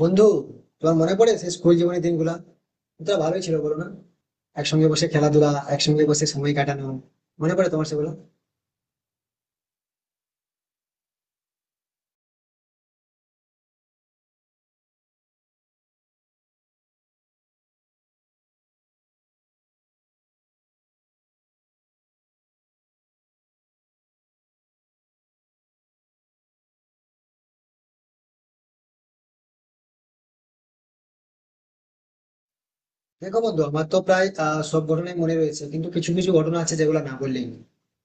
বন্ধু, তোমার মনে পড়ে সেই স্কুল জীবনের দিনগুলা? তো ভালোই ছিল বলো না, একসঙ্গে বসে খেলাধুলা, একসঙ্গে বসে সময় কাটানো। মনে পড়ে তোমার সেগুলো? দেখো বন্ধু, আমার তো প্রায় সব ঘটনাই মনে রয়েছে, কিন্তু কিছু কিছু ঘটনা আছে যেগুলো না বললেই নয়।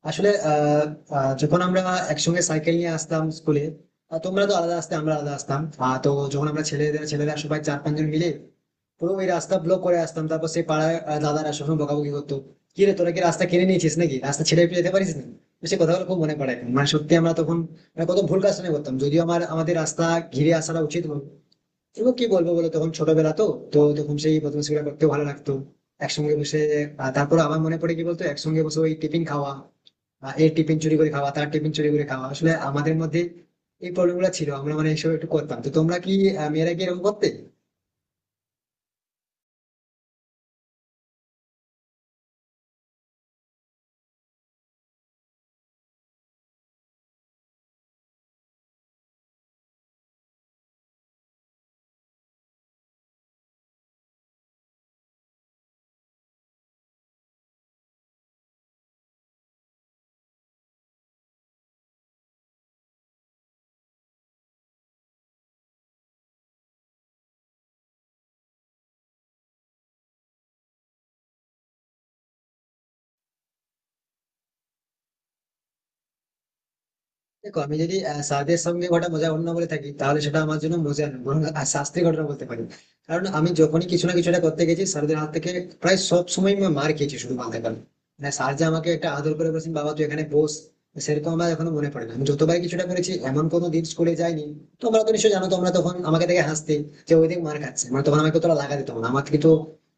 আসলে যখন আমরা একসঙ্গে সাইকেল নিয়ে আসতাম স্কুলে। তোমরা তো আলাদা আসতে, আমরা আলাদা আসতাম। তো যখন আমরা ছেলেরা সবাই চার পাঁচজন মিলে পুরো ওই রাস্তা ব্লক করে আসতাম, তারপর সেই পাড়ায় দাদারা সবসময় বকাবকি করতো, কি রে তোরা কি রাস্তা কিনে নিয়েছিস নাকি? রাস্তা ছেড়ে ফেলে যেতে পারিস না? তো সে কথাগুলো খুব মনে পড়ে এখন। মানে সত্যি, আমরা তখন মানে কত ভুল কাজ করতাম, যদিও আমার আমাদের রাস্তা ঘিরে আসাটা উচিত হতো। এগুলো কি বলবো বলো, তখন ছোটবেলা তো, তো তখন সেই বদমাশি গুলো করতে ভালো লাগতো। একসঙ্গে বসে তারপর আমার মনে পড়ে, কি বলতো, একসঙ্গে বসে ওই টিফিন খাওয়া, এর টিফিন চুরি করে খাওয়া, তার টিফিন চুরি করে খাওয়া। আসলে আমাদের মধ্যে এই প্রবলেম গুলো ছিল, আমরা মানে এইসব একটু করতাম। তো তোমরা কি, মেয়েরা কি এরকম করতে? দেখো আমি যদি স্বাদের সঙ্গে ঘটা মজা অন্য বলে থাকি, তাহলে সেটা আমার জন্য মজা নয়, বরং শাস্তির ঘটনা বলতে পারি। কারণ আমি যখনই কিছু না কিছু একটা করতে গেছি, স্যারদের হাত থেকে প্রায় সব সময় আমি মার খেয়েছি শুধু বলতে পারি। মানে স্যার যে আমাকে একটা আদর করে বলেছেন বাবা তুই এখানে বস, সেরকম আমার এখনো মনে পড়ে না। আমি যতবার কিছুটা করেছি, এমন কোনো দিন স্কুলে যাইনি। তোমরা তো নিশ্চয়ই জানো, তোমরা তখন আমাকে দেখে হাসতে যে ওই দিক মার খাচ্ছে, মানে তখন আমাকে তোরা লাগা দিত না আমার কিন্তু।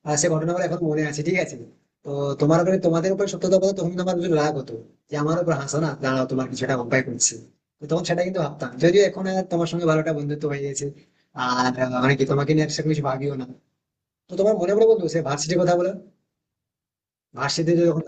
সে ঘটনাগুলো এখন মনে আছে, ঠিক আছে। তো তোমার উপরে তোমাদের উপরে সত্যতা বলতে তখন কিন্তু আমার কিছু রাগ হতো, যে আমার উপর হাসো না, দাঁড়াও তোমার কিছুটা উপায় করছি। তো তখন সেটা কিন্তু ভাবতাম, যদিও এখন আর তোমার সঙ্গে ভালোটা বন্ধুত্ব হয়ে গেছে, আর মানে কি তোমাকে নিয়ে আর সেরকম কিছু ভাবিও না। তো তোমার মনে পড়ে বন্ধু সে ভার্সিটির কথা বলো, ভার্সিটিতে যখন।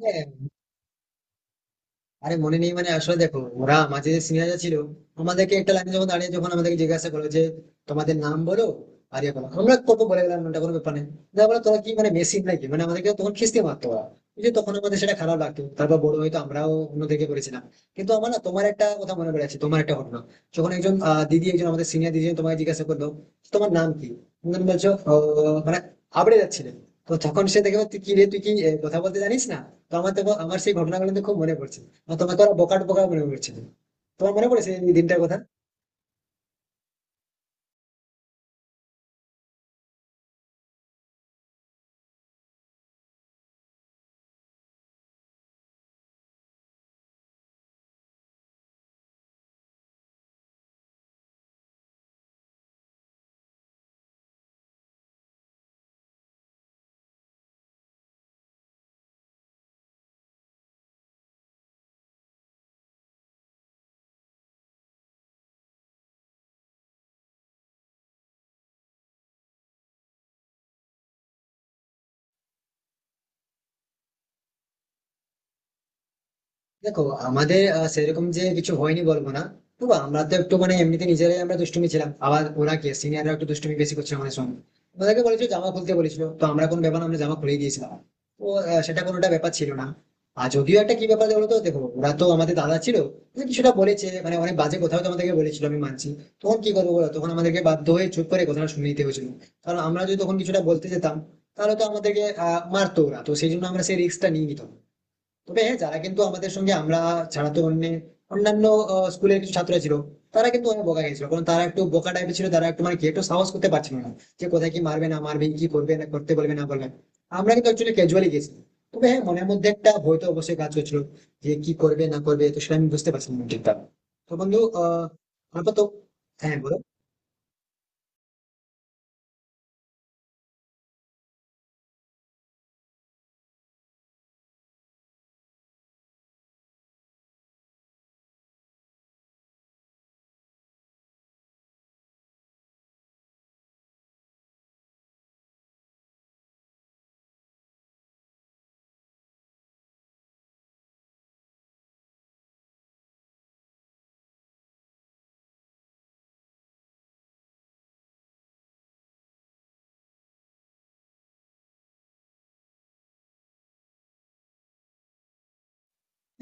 হ্যাঁ, আরে মনে নেই? মানে আসলে দেখো ওরা মাঝে যে সিনিয়ররা ছিল, আমাদেরকে একটা লাইনে যখন দাঁড়িয়ে যখন আমাদেরকে জিজ্ঞাসা করলো যে তোমাদের নাম বলো আর ইয়ে বলো, আমরা কত বলে গেলাম ওটা কোনো ব্যাপার নেই। যা বলো তোরা, কি মানে মেশিন নাকি, মানে আমাদেরকে তখন খিস্তি মারতো ওরা। এই যে, তখন আমাদের সেটা খারাপ লাগতো। তারপর বড় হয়তো আমরাও অন্যদিকে করেছিলাম। কিন্তু আমার না তোমার একটা কথা মনে পড়ে আছে, তোমার একটা ঘটনা, যখন একজন দিদি, একজন আমাদের সিনিয়র দিদি তোমাকে জিজ্ঞাসা করলো তোমার নাম কি, তুমি তখন বলছো মানে", আবড়ে যাচ্ছিলে। তো তখন সে দেখে বলে, তুই কি রে, তুই কি কথা বলতে জানিস না? তো আমার তখন, আমার সেই ঘটনাগুলো কিন্তু খুব মনে পড়ছে। তোমাকে ওরা বোকা টোকা মনে করছিল। তোমার মনে পড়েছে এই দিনটার কথা? দেখো আমাদের সেরকম যে কিছু হয়নি বলবো না। তবু আমরা তো একটু মানে এমনিতে নিজেরাই আমরা দুষ্টুমি ছিলাম, আবার ওরা কে সিনিয়ররা একটু দুষ্টুমি বেশি করছে আমাদের সঙ্গে। ওদেরকে বলেছিল জামা খুলতে বলেছিল, তো আমরা কোন ব্যাপার না, আমরা জামা খুলে দিয়েছিলাম। তো সেটা কোনোটা ব্যাপার ছিল না। আর যদিও একটা কি ব্যাপার বলতো, দেখো ওরা তো আমাদের দাদা ছিল, তো কিছুটা বলেছে, মানে অনেক বাজে কথাও তো আমাদেরকে বলেছিল, আমি মানছি। তখন কি করবো বলো, তখন আমাদেরকে বাধ্য হয়ে চুপ করে কথাটা শুনে নিতে হয়েছিল। কারণ আমরা যদি তখন কিছুটা বলতে যেতাম, তাহলে তো আমাদেরকে মারতো ওরা, তো সেই জন্য আমরা সেই রিস্কটা নিয়ে নিতাম। তবে হ্যাঁ, যারা কিন্তু আমাদের সঙ্গে, আমরা ছাড়া তো অন্য, অন্যান্য স্কুলের কিছু ছাত্র ছিল, তারা কিন্তু অনেক বোকা গেছিল, কারণ তারা একটু বোকা টাইপের ছিল, তারা একটু মানে কি একটু সাহস করতে পারছিল না যে কোথায় কি মারবে না মারবে, কি করবে না করতে বলবে না বলবে। আমরা কিন্তু অ্যাকচুয়ালি ক্যাজুয়ালি গেছি। তবে হ্যাঁ, মনের মধ্যে একটা ভয় তো অবশ্যই কাজ করছিল যে কি করবে না করবে, তো সেটা আমি বুঝতে পারছিলাম না ঠিকঠাক। তো বন্ধু তারপর তো, হ্যাঁ বলো।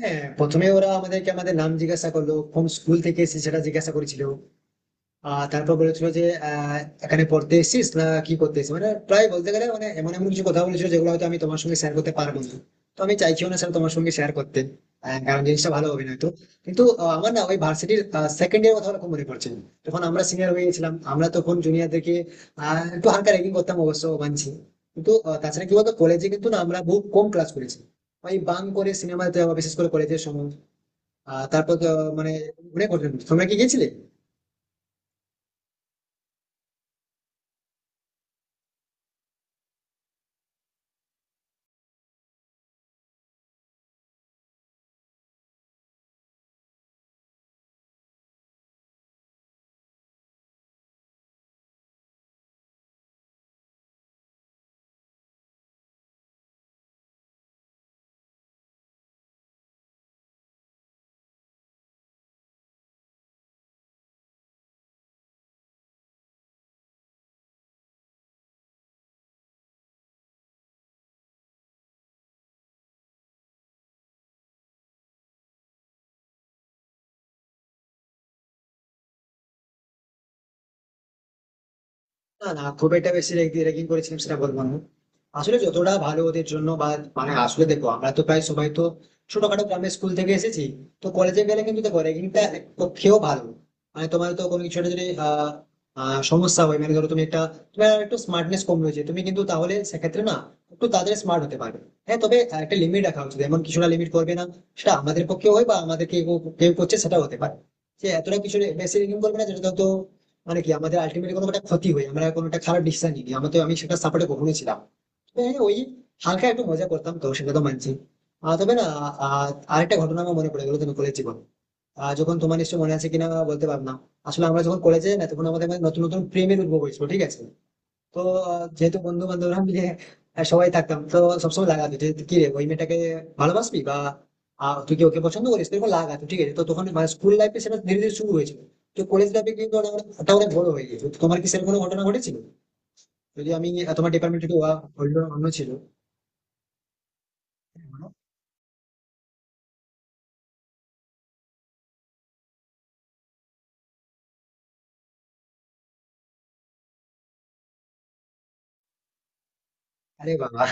হ্যাঁ, প্রথমে ওরা আমাদেরকে আমাদের নাম জিজ্ঞাসা করলো, কোন স্কুল থেকে এসেছি সেটা জিজ্ঞাসা করেছিল। তারপর বলেছিল যে আহ এখানে পড়তে এসেছিস না কি করতে এসেছিস, মানে প্রায় বলতে গেলে মানে এমন এমন কিছু কথা বলেছিল যেগুলো হয়তো আমি তোমার সঙ্গে শেয়ার করতে পারবো না। তো আমি চাইছিও না স্যার তোমার সঙ্গে শেয়ার করতে, কারণ জিনিসটা ভালো হবে না তো। কিন্তু আমার না ওই ভার্সিটির সেকেন্ড ইয়ার কথা খুব মনে পড়ছে, যখন আমরা সিনিয়র হয়ে গেছিলাম, আমরা তখন জুনিয়রদেরকে একটু হালকা র্যাগিং করতাম, অবশ্য মানছি। কিন্তু তাছাড়া কি বলতো, কলেজে কিন্তু না আমরা বহু কম ক্লাস করেছি, ওই বাং করে সিনেমাতে, বিশেষ করে কলেজের সময়। আহ, তারপর তো, মানে অনেক ঘটনা ঘটেছে। তোমরা কি গেছিলে? না না, খুব একটা বেশি র্যাগিং করেছিলাম সেটা বলবো না। আসলে যতটা ভালো ওদের জন্য বা মানে আসলে দেখো, আমরা তো প্রায় সবাই তো ছোটখাটো গ্রামের স্কুল থেকে এসেছি। তো কলেজে গেলে কিন্তু দেখো র্যাগিংটা এক পক্ষেও ভালো। মানে তোমার তো কোনো কিছু একটা যদি সমস্যা হয়, মানে ধরো তুমি একটা, তোমার একটু স্মার্টনেস কম রয়েছে, তুমি কিন্তু তাহলে সেক্ষেত্রে না একটু তাড়াতাড়ি স্মার্ট হতে পারবে। হ্যাঁ তবে একটা লিমিট রাখা উচিত, এমন কিছুটা লিমিট করবে না, সেটা আমাদের পক্ষেও হয় বা আমাদেরকে কেউ কেউ করছে সেটাও হতে পারে, যে এতটা কিছু বেশি র্যাগিং করবে না যেটা তো মানে কি আমাদের আলটিমেটলি কোনো একটা ক্ষতি হয়, আমরা কোনো একটা খারাপ ডিসিশন নিই। আমি তো, আমি সেটা সাপোর্টে কখনোই ছিলাম না। তো হ্যাঁ, ওই হালকা একটু মজা করতাম, তো সেটা তো মানছি। আহ, তবে না আহ, আরেকটা ঘটনা আমার মনে পড়ে গেলো, তুমি কলেজ জীবন, যখন, তোমার নিশ্চয়ই মনে আছে কিনা বলতে পারবো না। আসলে আমরা যখন কলেজে না, তখন আমাদের মধ্যে নতুন নতুন প্রেমের উদ্ভব হয়েছিল, ঠিক আছে। তো যেহেতু বন্ধু বান্ধবরা মিলে সবাই থাকতাম, তো সবসময় লাগাতো যে কি রে ওই মেয়েটাকে ভালোবাসবি, বা তুই কি ওকে পছন্দ করিস, এরকম লাগাতো, ঠিক আছে। তো তখন মানে স্কুল লাইফে সেটা ধীরে ধীরে শুরু হয়েছিল। তো কলেজ লাইফে কিন্তু ওটা অনেক, ওটা অনেক বড় হয়ে গিয়েছিল। তো তোমার কি সেরকম কোনো ঘটনা ঘটেছিল, যদি আমি তোমার ডিপার্টমেন্ট থেকে অন্য অন্য ছিল? আরে বাবা,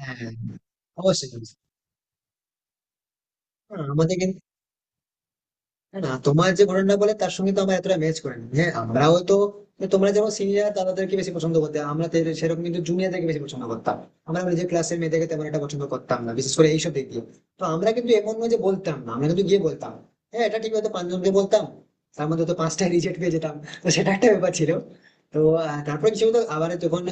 হ্যাঁ অবশ্যই অবশ্যই। হ্যাঁ, আমাদের কিন্তু না, তোমার যে ঘটনা বলে তার সঙ্গে তো আমার এতটা ম্যাচ করে না। হ্যাঁ আমরাও তো, তোমরা যেমন সিনিয়র তাদেরকে বেশি পছন্দ করতে, আমরা সেরকম কিন্তু জুনিয়রদেরকে বেশি পছন্দ করতাম। আমরা নিজের ক্লাসের মেয়েদেরকে তেমন একটা পছন্দ করতাম না, বিশেষ করে এইসব দিক দিয়ে। তো আমরা কিন্তু এমন নয় যে বলতাম না, আমরা কিন্তু গিয়ে বলতাম। হ্যাঁ এটা ঠিক, হয়তো পাঁচজনকে বলতাম, তার মধ্যে তো পাঁচটা রিজেক্ট পেয়ে যেতাম। তো সেটা একটা ব্যাপার ছিল। তো তারপরে কিছু হতো, আবার যখন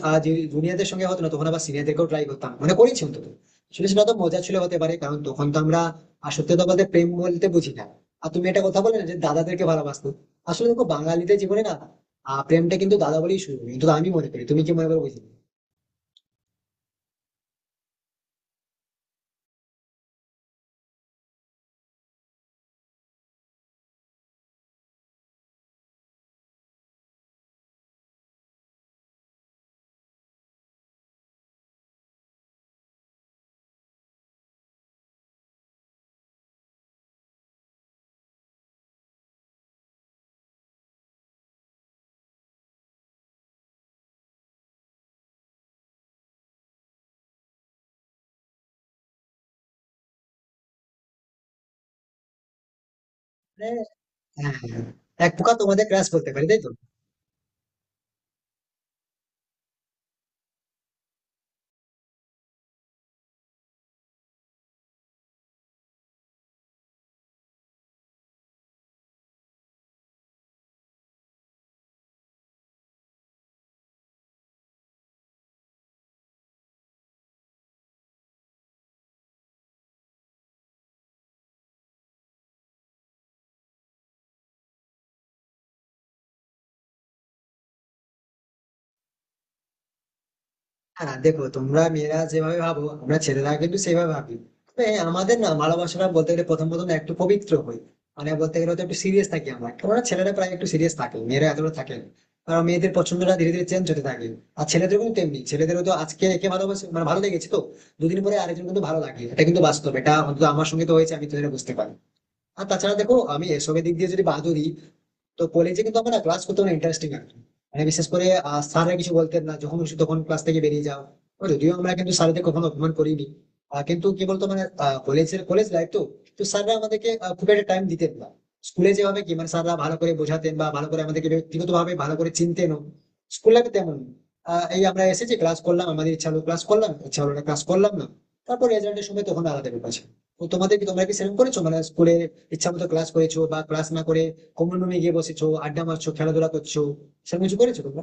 জুনিয়রদের সঙ্গে হতো না, তখন আবার সিনিয়রদেরকেও ট্রাই করতাম, মানে করেছি অন্তত। আসলে সেটা তো মজা ছিল হতে পারে, কারণ তখন তো আমরা আর সত্যি কথা বলতে প্রেম বলতে বুঝি না। আর তুমি একটা কথা বলে না যে দাদাদেরকে ভালোবাসতো, আসলে দেখো বাঙালিদের জীবনে না প্রেমটা কিন্তু দাদা বলেই শুরু, কিন্তু আমি মনে করি, তুমি কি মনে করো বুঝি? হ্যাঁ, হ্যাঁ। এক প্রকার তোমাদের ক্রাশ বলতে পারি, তাই তো? হ্যাঁ দেখো, তোমরা মেয়েরা যেভাবে ভাবো আমরা ছেলেরা কিন্তু সেভাবে ভাবি। তবে হ্যাঁ, আমাদের না ভালোবাসাটা বলতে গেলে প্রথম প্রথম না একটু পবিত্র হই, মানে বলতে গেলে তো একটু সিরিয়াস থাকি আমরা, কেননা ছেলেরা প্রায় একটু সিরিয়াস থাকে, মেয়েরা এতটা থাকে না। কারণ মেয়েদের পছন্দটা ধীরে ধীরে চেঞ্জ হতে থাকে, আর ছেলেদের কিন্তু তেমনি, ছেলেদেরও তো আজকে একে ভালোবাসে, মানে ভালো লেগেছে তো দুদিন পরে আরেকজন কিন্তু ভালো লাগে, এটা কিন্তু বাস্তব, এটা অন্তত আমার সঙ্গে তো হয়েছে, আমি তো এটা বুঝতে পারি। আর তাছাড়া দেখো, আমি এসবের দিক দিয়ে যদি বাদ দিই, তো কলেজে কিন্তু আমরা ক্লাস করতে অনেক ইন্টারেস্টিং লাগতো। মানে বিশেষ করে স্যাররা কিছু বলতেন না, যখন খুশি তখন ক্লাস থেকে বেরিয়ে যাও। তো যদিও আমরা কিন্তু স্যারদের কখনো অপমান করিনি। কিন্তু কি বলতো, মানে কলেজের কলেজ লাইফ তো, তো স্যাররা আমাদেরকে খুব একটা টাইম দিতেন না। স্কুলে যেভাবে কি মানে স্যাররা ভালো করে বোঝাতেন বা ভালো করে আমাদেরকে ব্যক্তিগত ভাবে ভালো করে চিনতেন, স্কুল লাইফে তেমন না। এই আমরা এসেছি ক্লাস করলাম, আমাদের ইচ্ছা হলো ক্লাস করলাম, ইচ্ছা হলো না ক্লাস করলাম না। তারপর রেজাল্টের সময় তখন আলাদা ব্যাপার আছে। তো তোমাদের কি, তোমরা কি সেরকম করেছো মানে স্কুলে ইচ্ছা মতো ক্লাস করেছো, বা ক্লাস না করে কমন রুমে গিয়ে বসেছো, আড্ডা মারছো, খেলাধুলা করছো, সেরকম কিছু করেছো তোমরা?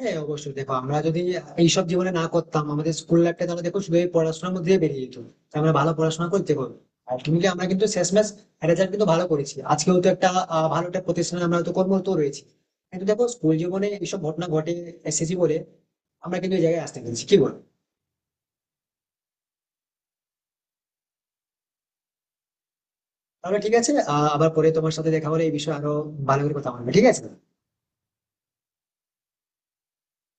হ্যাঁ অবশ্যই, দেখো আমরা যদি এইসব জীবনে না করতাম, আমাদের স্কুল লাইফটা তাহলে দেখো শুধু এই পড়াশোনার মধ্যে বেরিয়ে যেত। তাই আমরা ভালো পড়াশোনা করতে হবে, আর তুমি কি আমরা কিন্তু শেষমেশ রেজাল্ট কিন্তু ভালো করেছি, আজকেও তো একটা ভালো একটা প্রতিষ্ঠানে আমরা তো কর্মরত রয়েছি। কিন্তু দেখো স্কুল জীবনে এইসব ঘটনা ঘটে এসেছি বলে আমরা কিন্তু এই জায়গায় আসতে পেরেছি, কি বল? তাহলে ঠিক আছে, আবার পরে তোমার সাথে দেখা হলে এই বিষয়ে আরো ভালো করে কথা বলবে, ঠিক আছে।